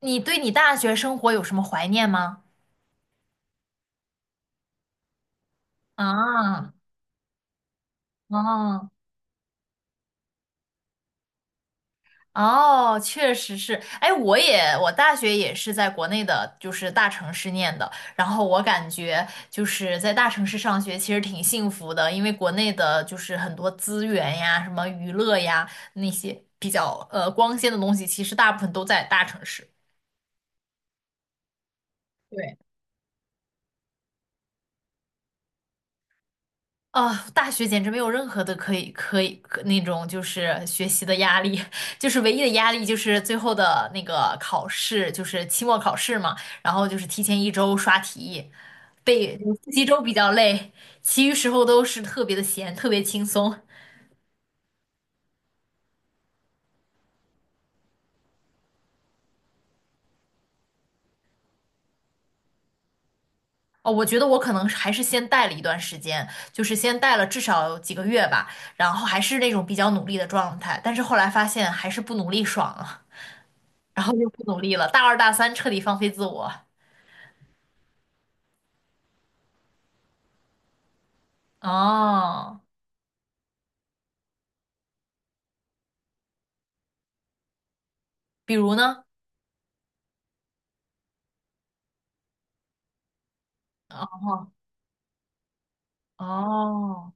你对你大学生活有什么怀念吗？啊，哦，哦，确实是。哎，我也，我大学也是在国内的，就是大城市念的。然后我感觉就是在大城市上学其实挺幸福的，因为国内的就是很多资源呀、什么娱乐呀那些比较光鲜的东西，其实大部分都在大城市。对。啊，大学简直没有任何的可以那种就是学习的压力，就是唯一的压力就是最后的那个考试，就是期末考试嘛，然后就是提前一周刷题，背复习周比较累，其余时候都是特别的闲，特别轻松。哦，我觉得我可能是还是先带了一段时间，就是先带了至少几个月吧，然后还是那种比较努力的状态，但是后来发现还是不努力爽了，然后就不努力了，大二大三彻底放飞自我。哦，比如呢？哦哦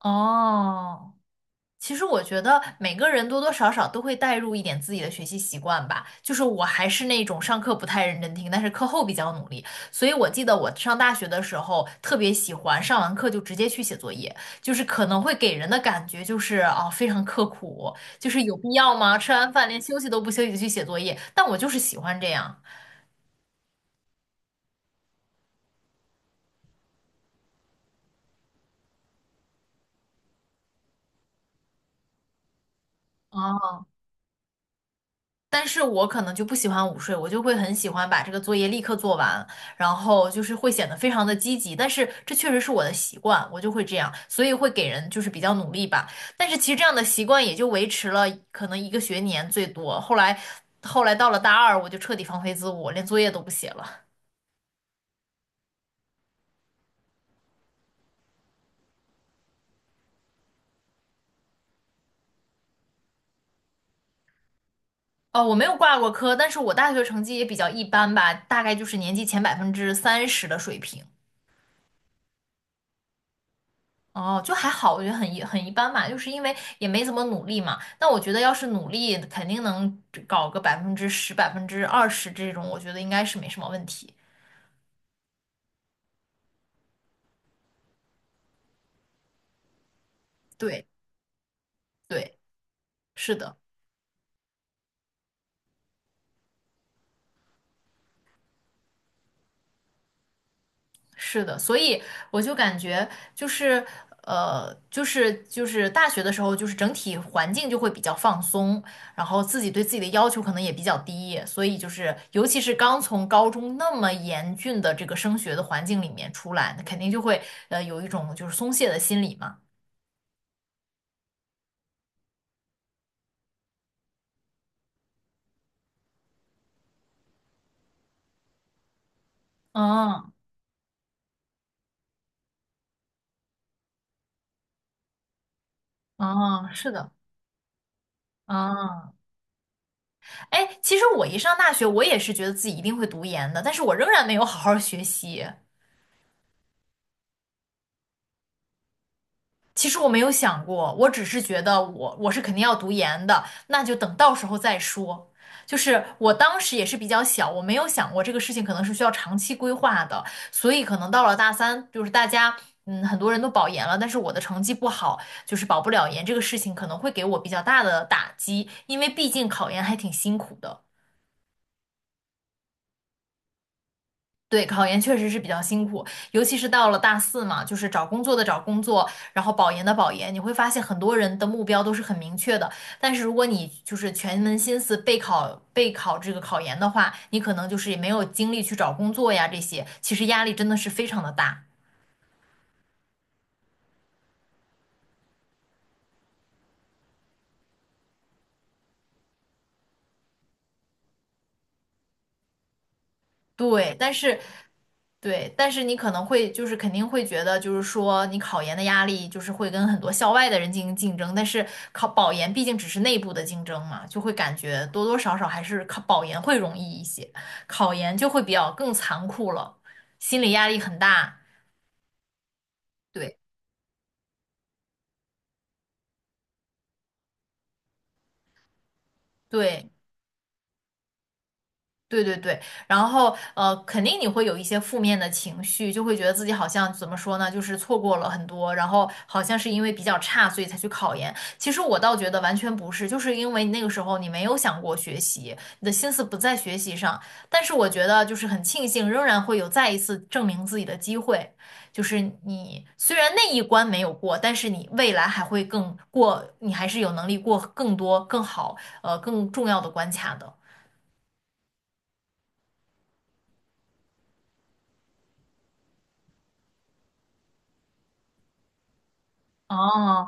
哦，其实我觉得每个人多多少少都会带入一点自己的学习习惯吧。就是我还是那种上课不太认真听，但是课后比较努力。所以我记得我上大学的时候特别喜欢上完课就直接去写作业，就是可能会给人的感觉就是哦非常刻苦，就是有必要吗？吃完饭连休息都不休息就去写作业，但我就是喜欢这样。啊。但是我可能就不喜欢午睡，我就会很喜欢把这个作业立刻做完，然后就是会显得非常的积极。但是这确实是我的习惯，我就会这样，所以会给人就是比较努力吧。但是其实这样的习惯也就维持了可能一个学年最多，后来到了大二，我就彻底放飞自我，连作业都不写了。哦，我没有挂过科，但是我大学成绩也比较一般吧，大概就是年级前30%的水平。哦，就还好，我觉得很一般吧，就是因为也没怎么努力嘛。那我觉得要是努力，肯定能搞个10%、20%这种，我觉得应该是没什么问题。对对，是的。是的，所以我就感觉就是就是大学的时候，就是整体环境就会比较放松，然后自己对自己的要求可能也比较低，所以就是尤其是刚从高中那么严峻的这个升学的环境里面出来，那肯定就会有一种就是松懈的心理嘛。嗯嗯，是的。嗯，哎，其实我一上大学，我也是觉得自己一定会读研的，但是我仍然没有好好学习。其实我没有想过，我只是觉得我是肯定要读研的，那就等到时候再说。就是我当时也是比较小，我没有想过这个事情可能是需要长期规划的，所以可能到了大三，就是大家很多人都保研了，但是我的成绩不好，就是保不了研这个事情可能会给我比较大的打击，因为毕竟考研还挺辛苦的。对，考研确实是比较辛苦，尤其是到了大四嘛，就是找工作的找工作，然后保研的保研，你会发现很多人的目标都是很明确的，但是如果你就是全门心思备考这个考研的话，你可能就是也没有精力去找工作呀，这些其实压力真的是非常的大。对，但是对，但是你可能会就是肯定会觉得，就是说你考研的压力就是会跟很多校外的人进行竞争，但是考保研毕竟只是内部的竞争嘛，就会感觉多多少少还是考保研会容易一些，考研就会比较更残酷了，心理压力很大。对对。对对对，然后，肯定你会有一些负面的情绪，就会觉得自己好像怎么说呢，就是错过了很多，然后好像是因为比较差，所以才去考研。其实我倒觉得完全不是，就是因为你那个时候你没有想过学习，你的心思不在学习上。但是我觉得就是很庆幸，仍然会有再一次证明自己的机会。就是你虽然那一关没有过，但是你未来还会更过，你还是有能力过更多、更好、更重要的关卡的。哦，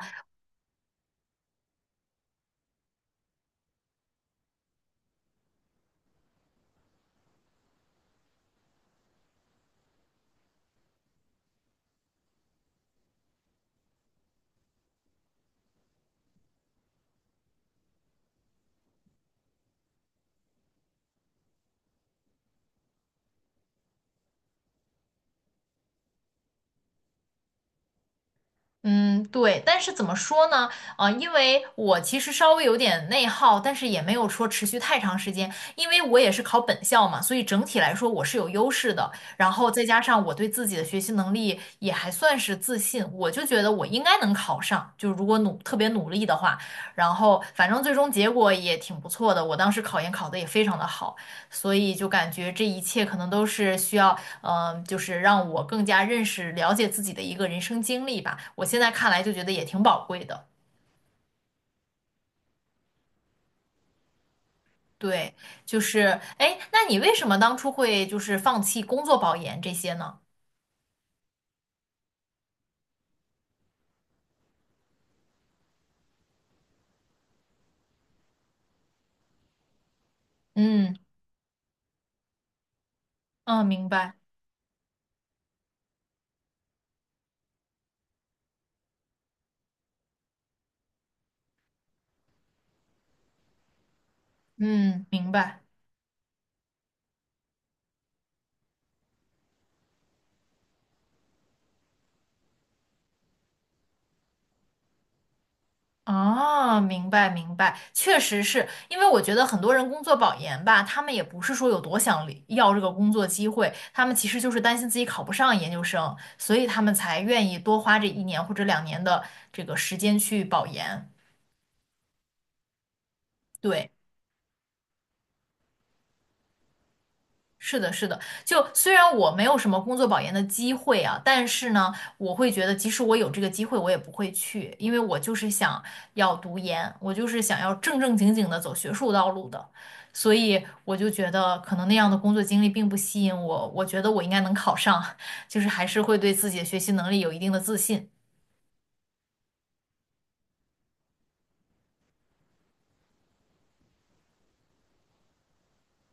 嗯，对，但是怎么说呢？因为我其实稍微有点内耗，但是也没有说持续太长时间，因为我也是考本校嘛，所以整体来说我是有优势的。然后再加上我对自己的学习能力也还算是自信，我就觉得我应该能考上，就如果努，特别努力的话，然后反正最终结果也挺不错的，我当时考研考得也非常的好，所以就感觉这一切可能都是需要就是让我更加认识、了解自己的一个人生经历吧。我现在看来就觉得也挺宝贵的。对，就是，哎，那你为什么当初会就是放弃工作保研这些呢？嗯嗯，明白，嗯，明白。啊，明白明白，确实是因为我觉得很多人工作保研吧，他们也不是说有多想离要这个工作机会，他们其实就是担心自己考不上研究生，所以他们才愿意多花这一年或者两年的这个时间去保研。对，是的，是的。就虽然我没有什么工作保研的机会啊，但是呢，我会觉得即使我有这个机会，我也不会去，因为我就是想要读研，我就是想要正正经经的走学术道路的。所以我就觉得，可能那样的工作经历并不吸引我。我觉得我应该能考上，就是还是会对自己的学习能力有一定的自信。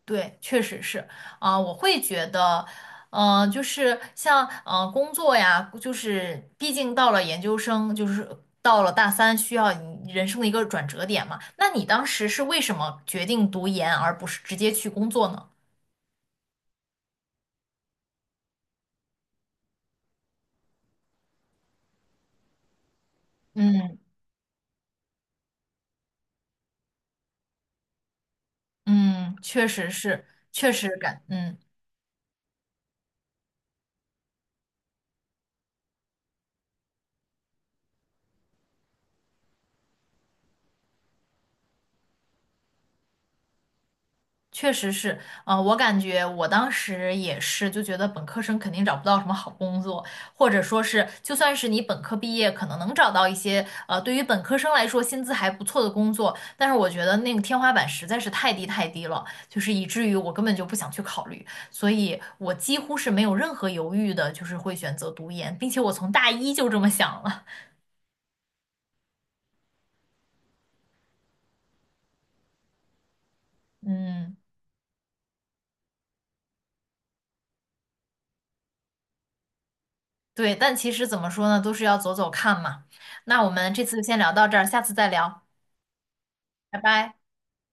对，确实是啊、我会觉得，就是像工作呀，就是毕竟到了研究生，就是到了大三，需要你人生的一个转折点嘛。那你当时是为什么决定读研，而不是直接去工作呢？嗯嗯，确实是，确实感，嗯。确实是，我感觉我当时也是，就觉得本科生肯定找不到什么好工作，或者说是，就算是你本科毕业，可能能找到一些，对于本科生来说薪资还不错的工作，但是我觉得那个天花板实在是太低太低了，就是以至于我根本就不想去考虑，所以我几乎是没有任何犹豫的，就是会选择读研，并且我从大一就这么想了，嗯，对，但其实怎么说呢，都是要走走看嘛。那我们这次就先聊到这儿，下次再聊，拜拜。